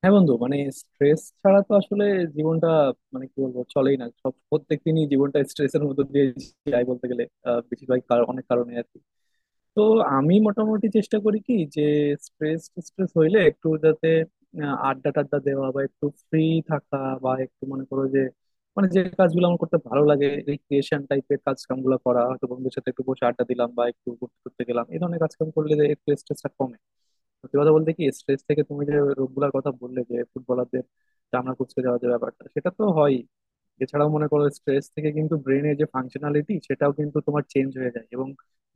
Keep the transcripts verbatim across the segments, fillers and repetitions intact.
হ্যাঁ বন্ধু, মানে স্ট্রেস ছাড়া তো আসলে জীবনটা মানে কি বলবো, চলেই না। সব প্রত্যেক দিনই জীবনটা স্ট্রেসের মধ্যে দিয়ে যায় বলতে গেলে, আহ, বেশিরভাগ কার- অনেক কারণে আর কি। তো আমি মোটামুটি চেষ্টা করি কি যে স্ট্রেস স্ট্রেস হইলে একটু যাতে আহ, আড্ডা টাড্ডা দেওয়া বা একটু ফ্রি থাকা, বা একটু মনে করো যে মানে যে কাজগুলো আমার করতে ভালো লাগে, রিক্রিয়েশন টাইপের কাজ কাম গুলো করা, হয়তো বন্ধুদের সাথে একটু বসে আড্ডা দিলাম বা একটু ঘুরতে টুরতে গেলাম, এই ধরনের কাজ কাম করলে যে একটু স্ট্রেসটা কমে। সত্যি কথা বলতে কি, স্ট্রেস থেকে তুমি যে রোগগুলোর কথা বললে, যে ফুটবলারদের চামড়া কুচকে যাওয়ার যে ব্যাপারটা, সেটা তো হয়। এছাড়াও মনে করো, স্ট্রেস থেকে কিন্তু ব্রেনের যে ফাংশনালিটি, সেটাও কিন্তু তোমার চেঞ্জ হয়ে যায়, এবং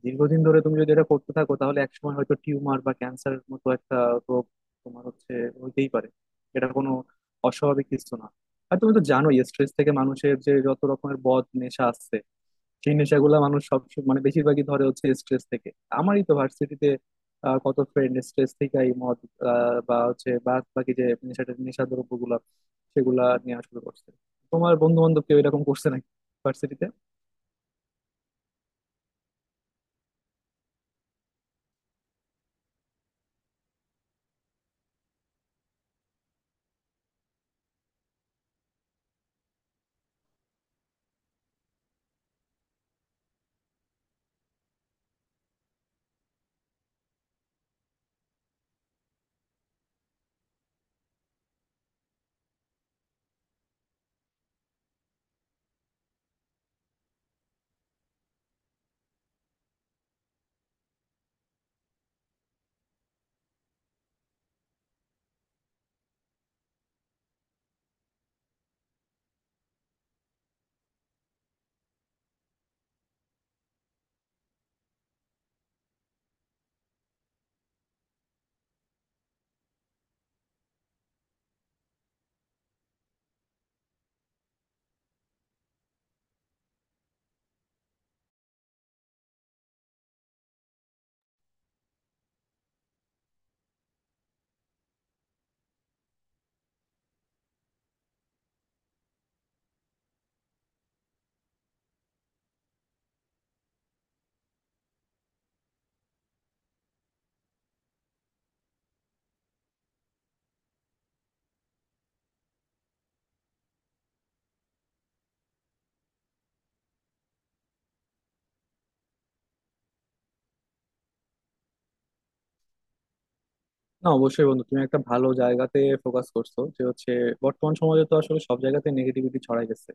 দীর্ঘদিন ধরে তুমি যদি এটা করতে থাকো তাহলে একসময় হয়তো টিউমার বা ক্যান্সারের মতো একটা রোগ তোমার হচ্ছে হইতেই পারে। এটা কোনো অস্বাভাবিক কিছু না। আর তুমি তো জানোই, স্ট্রেস থেকে মানুষের যে যত রকমের বদ নেশা আসছে, সেই নেশাগুলা মানুষ সব মানে বেশিরভাগই ধরে হচ্ছে স্ট্রেস থেকে। আমারই তো ভার্সিটিতে কত ফ্রেন্ড স্ট্রেস থেকেই মদ আহ, বা হচ্ছে বাদ বাকি যে নেশা নেশা দ্রব্য গুলা, সেগুলা নিয়ে আসলে করছে। তোমার বন্ধু বান্ধব কেউ এরকম করছে নাকি ভার্সিটিতে? না, অবশ্যই বন্ধু, তুমি একটা ভালো জায়গাতে ফোকাস করছো যে হচ্ছে বর্তমান সমাজে তো আসলে সব জায়গাতে নেগেটিভিটি ছড়াই গেছে।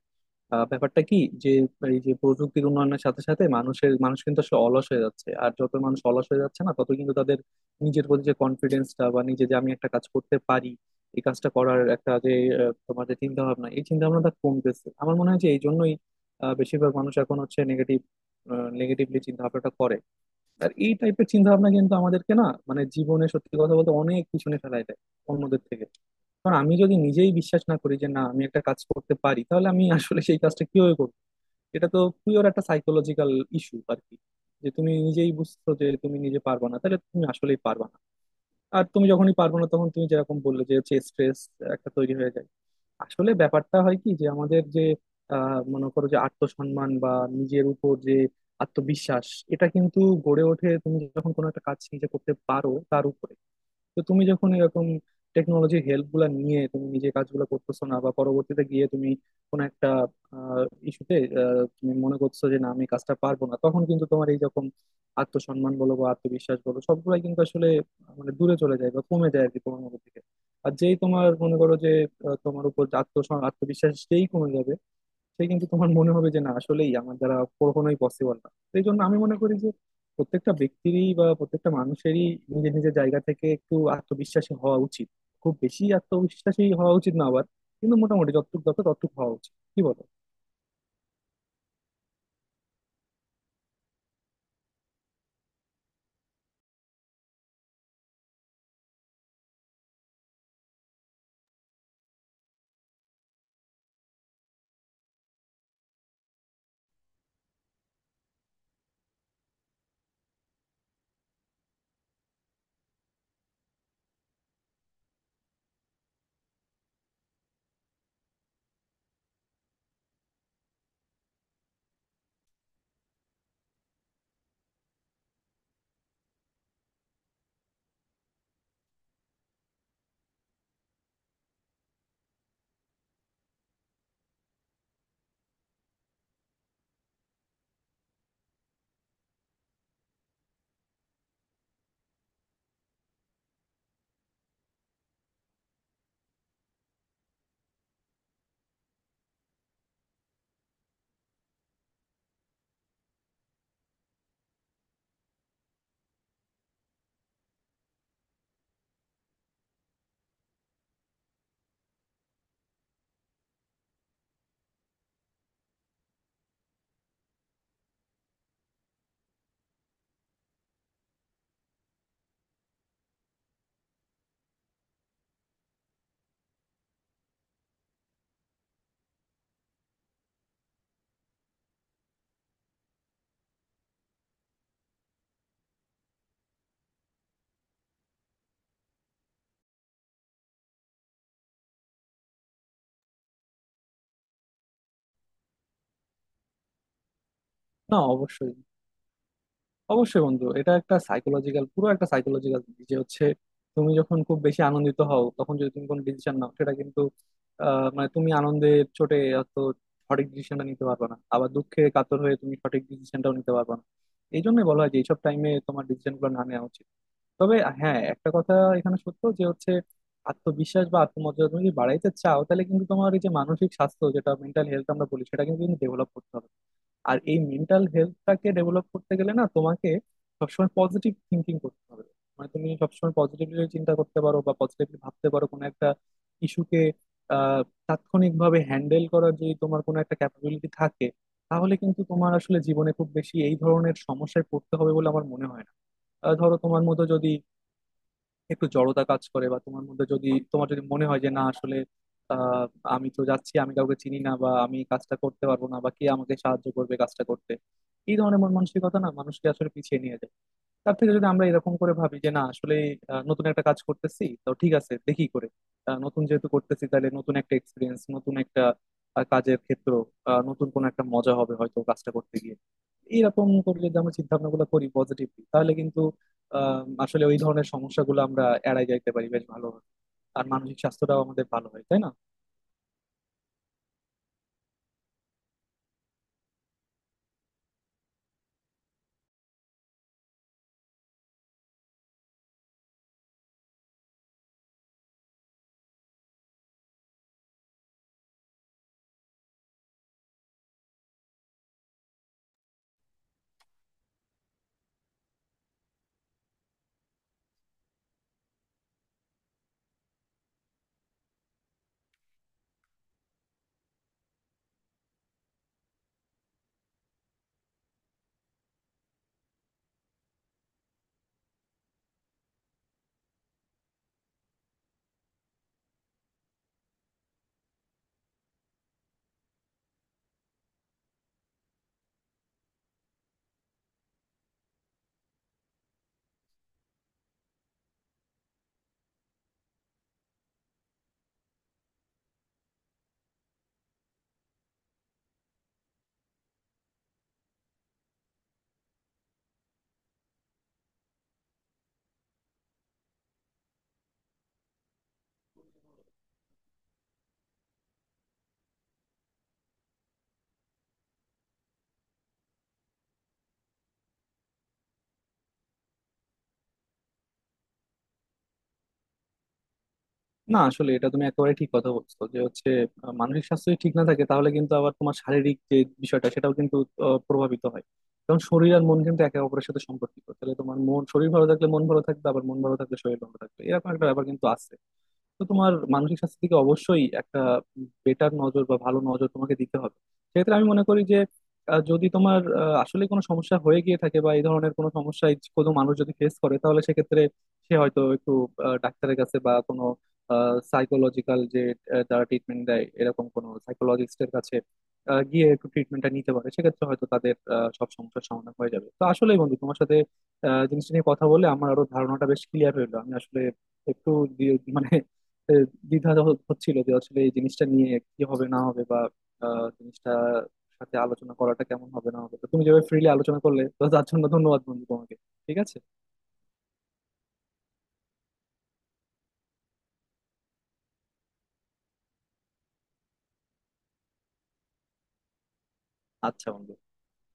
আহ, ব্যাপারটা কি যে এই যে প্রযুক্তির উন্নয়নের সাথে সাথে মানুষের মানুষ কিন্তু আসলে অলস হয়ে যাচ্ছে, আর যত মানুষ অলস হয়ে যাচ্ছে না, তত কিন্তু তাদের নিজের প্রতি যে কনফিডেন্সটা বা নিজে যে আমি একটা কাজ করতে পারি, এই কাজটা করার একটা যে আহ, তোমার যে চিন্তা ভাবনা, এই চিন্তা ভাবনাটা কমতেছে। আমার মনে হয় যে এই জন্যই আহ, বেশিরভাগ মানুষ এখন হচ্ছে নেগেটিভ নেগেটিভলি চিন্তা ভাবনাটা করে। আর এই টাইপের চিন্তা ভাবনা কিন্তু আমাদেরকে না মানে জীবনে সত্যি কথা বলতে অনেক পিছনে ফেলায় দেয় অন্যদের থেকে। কারণ আমি যদি নিজেই বিশ্বাস না করি যে না, আমি একটা কাজ করতে পারি, তাহলে আমি আসলে সেই কাজটা কিভাবে করবো? এটা তো পিওর একটা সাইকোলজিক্যাল ইস্যু আর কি। যে তুমি নিজেই বুঝছো যে তুমি নিজে পারবা না, তাহলে তুমি আসলেই পারবা না। আর তুমি যখনই পারবা না, তখন তুমি যেরকম বললে যে হচ্ছে স্ট্রেস একটা তৈরি হয়ে যায়। আসলে ব্যাপারটা হয় কি যে আমাদের যে আহ, মনে করো যে আত্মসম্মান বা নিজের উপর যে আত্মবিশ্বাস, এটা কিন্তু গড়ে ওঠে তুমি যখন কোনো একটা কাজ নিজে করতে পারো তার উপরে। তো তুমি যখন এরকম টেকনোলজি হেল্প গুলা নিয়ে তুমি নিজে কাজগুলো করতেছো না, বা পরবর্তীতে গিয়ে তুমি কোনো একটা ইস্যুতে তুমি মনে করছো যে না আমি কাজটা পারবো না, তখন কিন্তু তোমার এই রকম আত্মসম্মান বলো বা আত্মবিশ্বাস বলো, সবগুলাই কিন্তু আসলে আহ, মানে দূরে চলে যায় বা কমে যায় আর কি তোমার মধ্যে থেকে। আর যেই তোমার মনে করো যে আহ, তোমার উপর আত্ম আত্মবিশ্বাস যেই কমে যাবে, সেই কিন্তু তোমার মনে হবে যে না, আসলেই আমার দ্বারা কখনোই পসিবল না। সেই জন্য আমি মনে করি যে প্রত্যেকটা ব্যক্তিরই বা প্রত্যেকটা মানুষেরই নিজের নিজের জায়গা থেকে একটু আত্মবিশ্বাসী হওয়া উচিত। খুব বেশি আত্মবিশ্বাসী হওয়া উচিত না আবার, কিন্তু মোটামুটি যতটুকু দরকার ততটুকু হওয়া উচিত। কি বলো? না, অবশ্যই, অবশ্যই বন্ধু এটা একটা সাইকোলজিক্যাল, পুরো একটা সাইকোলজিক্যাল দিক যে হচ্ছে তুমি যখন খুব বেশি আনন্দিত হও, তখন যদি তুমি কোনো ডিসিশন নাও, সেটা কিন্তু আহ, মানে তুমি আনন্দে চোটে অত সঠিক ডিসিশনটা নিতে পারবে না, আবার দুঃখে কাতর হয়ে তুমি সঠিক ডিসিশনটাও নিতে পারবে না। এই জন্য বলা হয় যে এইসব টাইমে তোমার ডিসিশন গুলো না নেওয়া উচিত। তবে হ্যাঁ, একটা কথা এখানে সত্য যে হচ্ছে আত্মবিশ্বাস বা আত্মমর্যাদা তুমি যদি বাড়াইতে চাও, তাহলে কিন্তু তোমার এই যে মানসিক স্বাস্থ্য, যেটা মেন্টাল হেলথ আমরা বলি, সেটা কিন্তু ডেভেলপ করতে হবে। আর এই মেন্টাল হেলথটাকে ডেভেলপ করতে গেলে না তোমাকে সবসময় পজিটিভ থিঙ্কিং করতে হবে। মানে তুমি সবসময় পজিটিভলি চিন্তা করতে পারো বা পজিটিভলি ভাবতে পারো কোনো একটা ইস্যুকে আহ তাৎক্ষণিকভাবে হ্যান্ডেল করার যদি তোমার কোনো একটা ক্যাপাবিলিটি থাকে, তাহলে কিন্তু তোমার আসলে জীবনে খুব বেশি এই ধরনের সমস্যায় পড়তে হবে বলে আমার মনে হয় না। আহ ধরো তোমার মতো যদি একটু জড়তা কাজ করে বা তোমার মধ্যে যদি তোমার যদি মনে হয় যে না আসলে আহ, আমি তো যাচ্ছি, আমি কাউকে চিনি না, বা আমি কাজটা করতে পারবো না, বা কে আমাকে সাহায্য করবে কাজটা করতে, এই ধরনের মন মানসিকতা না মানুষকে আসলে পিছিয়ে নিয়ে যায়। তার থেকে যদি আমরা এরকম করে ভাবি যে না আসলে আহ, নতুন একটা কাজ করতেছি তো ঠিক আছে দেখি করে, আহ, নতুন যেহেতু করতেছি তাহলে নতুন একটা এক্সপিরিয়েন্স, নতুন একটা আহ, কাজের ক্ষেত্র, আহ, নতুন কোনো একটা মজা হবে হয়তো কাজটা করতে গিয়ে, এরকম করে যদি আমরা চিন্তা ভাবনা গুলো করি পজিটিভলি, তাহলে কিন্তু আহ আসলে ওই ধরনের সমস্যাগুলো আমরা এড়াই যাইতে পারি বেশ ভালো, আর মানসিক স্বাস্থ্যটাও আমাদের ভালো হয়। তাই না? না, আসলে এটা তুমি একেবারে ঠিক কথা বলছো যে হচ্ছে আহ, মানসিক স্বাস্থ্য যদি ঠিক না থাকে, তাহলে কিন্তু আবার তোমার শারীরিক যে বিষয়টা, সেটাও কিন্তু আহ, প্রভাবিত হয়। কারণ শরীর আর মন কিন্তু একে অপরের সাথে সম্পর্কিত। তাহলে তোমার মন শরীর ভালো থাকলে মন ভালো থাকবে, আবার মন ভালো থাকলে শরীর ভালো থাকবে, এরকম একটা ব্যাপার কিন্তু আছে। তো তোমার মানসিক স্বাস্থ্যের দিকে অবশ্যই একটা বেটার নজর বা ভালো নজর তোমাকে দিতে হবে। সেক্ষেত্রে আমি মনে করি যে আহ, যদি তোমার আসলে কোনো সমস্যা হয়ে গিয়ে থাকে বা এই ধরনের কোনো সমস্যায় কোনো মানুষ যদি ফেস করে, তাহলে সেক্ষেত্রে সে হয়তো একটু আহ, ডাক্তারের কাছে বা কোনো সাইকোলজিক্যাল যে আহ, যারা ট্রিটমেন্ট দেয়, এরকম কোনো সাইকোলজিস্টের কাছে আহ, গিয়ে একটু ট্রিটমেন্টটা নিতে পারে। সেক্ষেত্রে হয়তো তাদের আহ, সব সমস্যার সমাধান হয়ে যাবে। তো আসলেই বন্ধু, তোমার সাথে আহ, জিনিসটা নিয়ে কথা বলে আমার আরো ধারণাটা বেশ ক্লিয়ার হলো। আমি আসলে একটু দি- মানে এ, দ্বিধা হ- হচ্ছিল যে আসলে এই জিনিসটা নিয়ে কি হবে না হবে, বা আহ, জিনিসটা সাথে আলোচনা করাটা কেমন হবে না হবে। তো তুমি যেভাবে ফ্রিলি আলোচনা করলে, তো তার জন্য ধন্যবাদ বন্ধু তোমাকে। ঠিক আছে। আচ্ছা বন্ধু।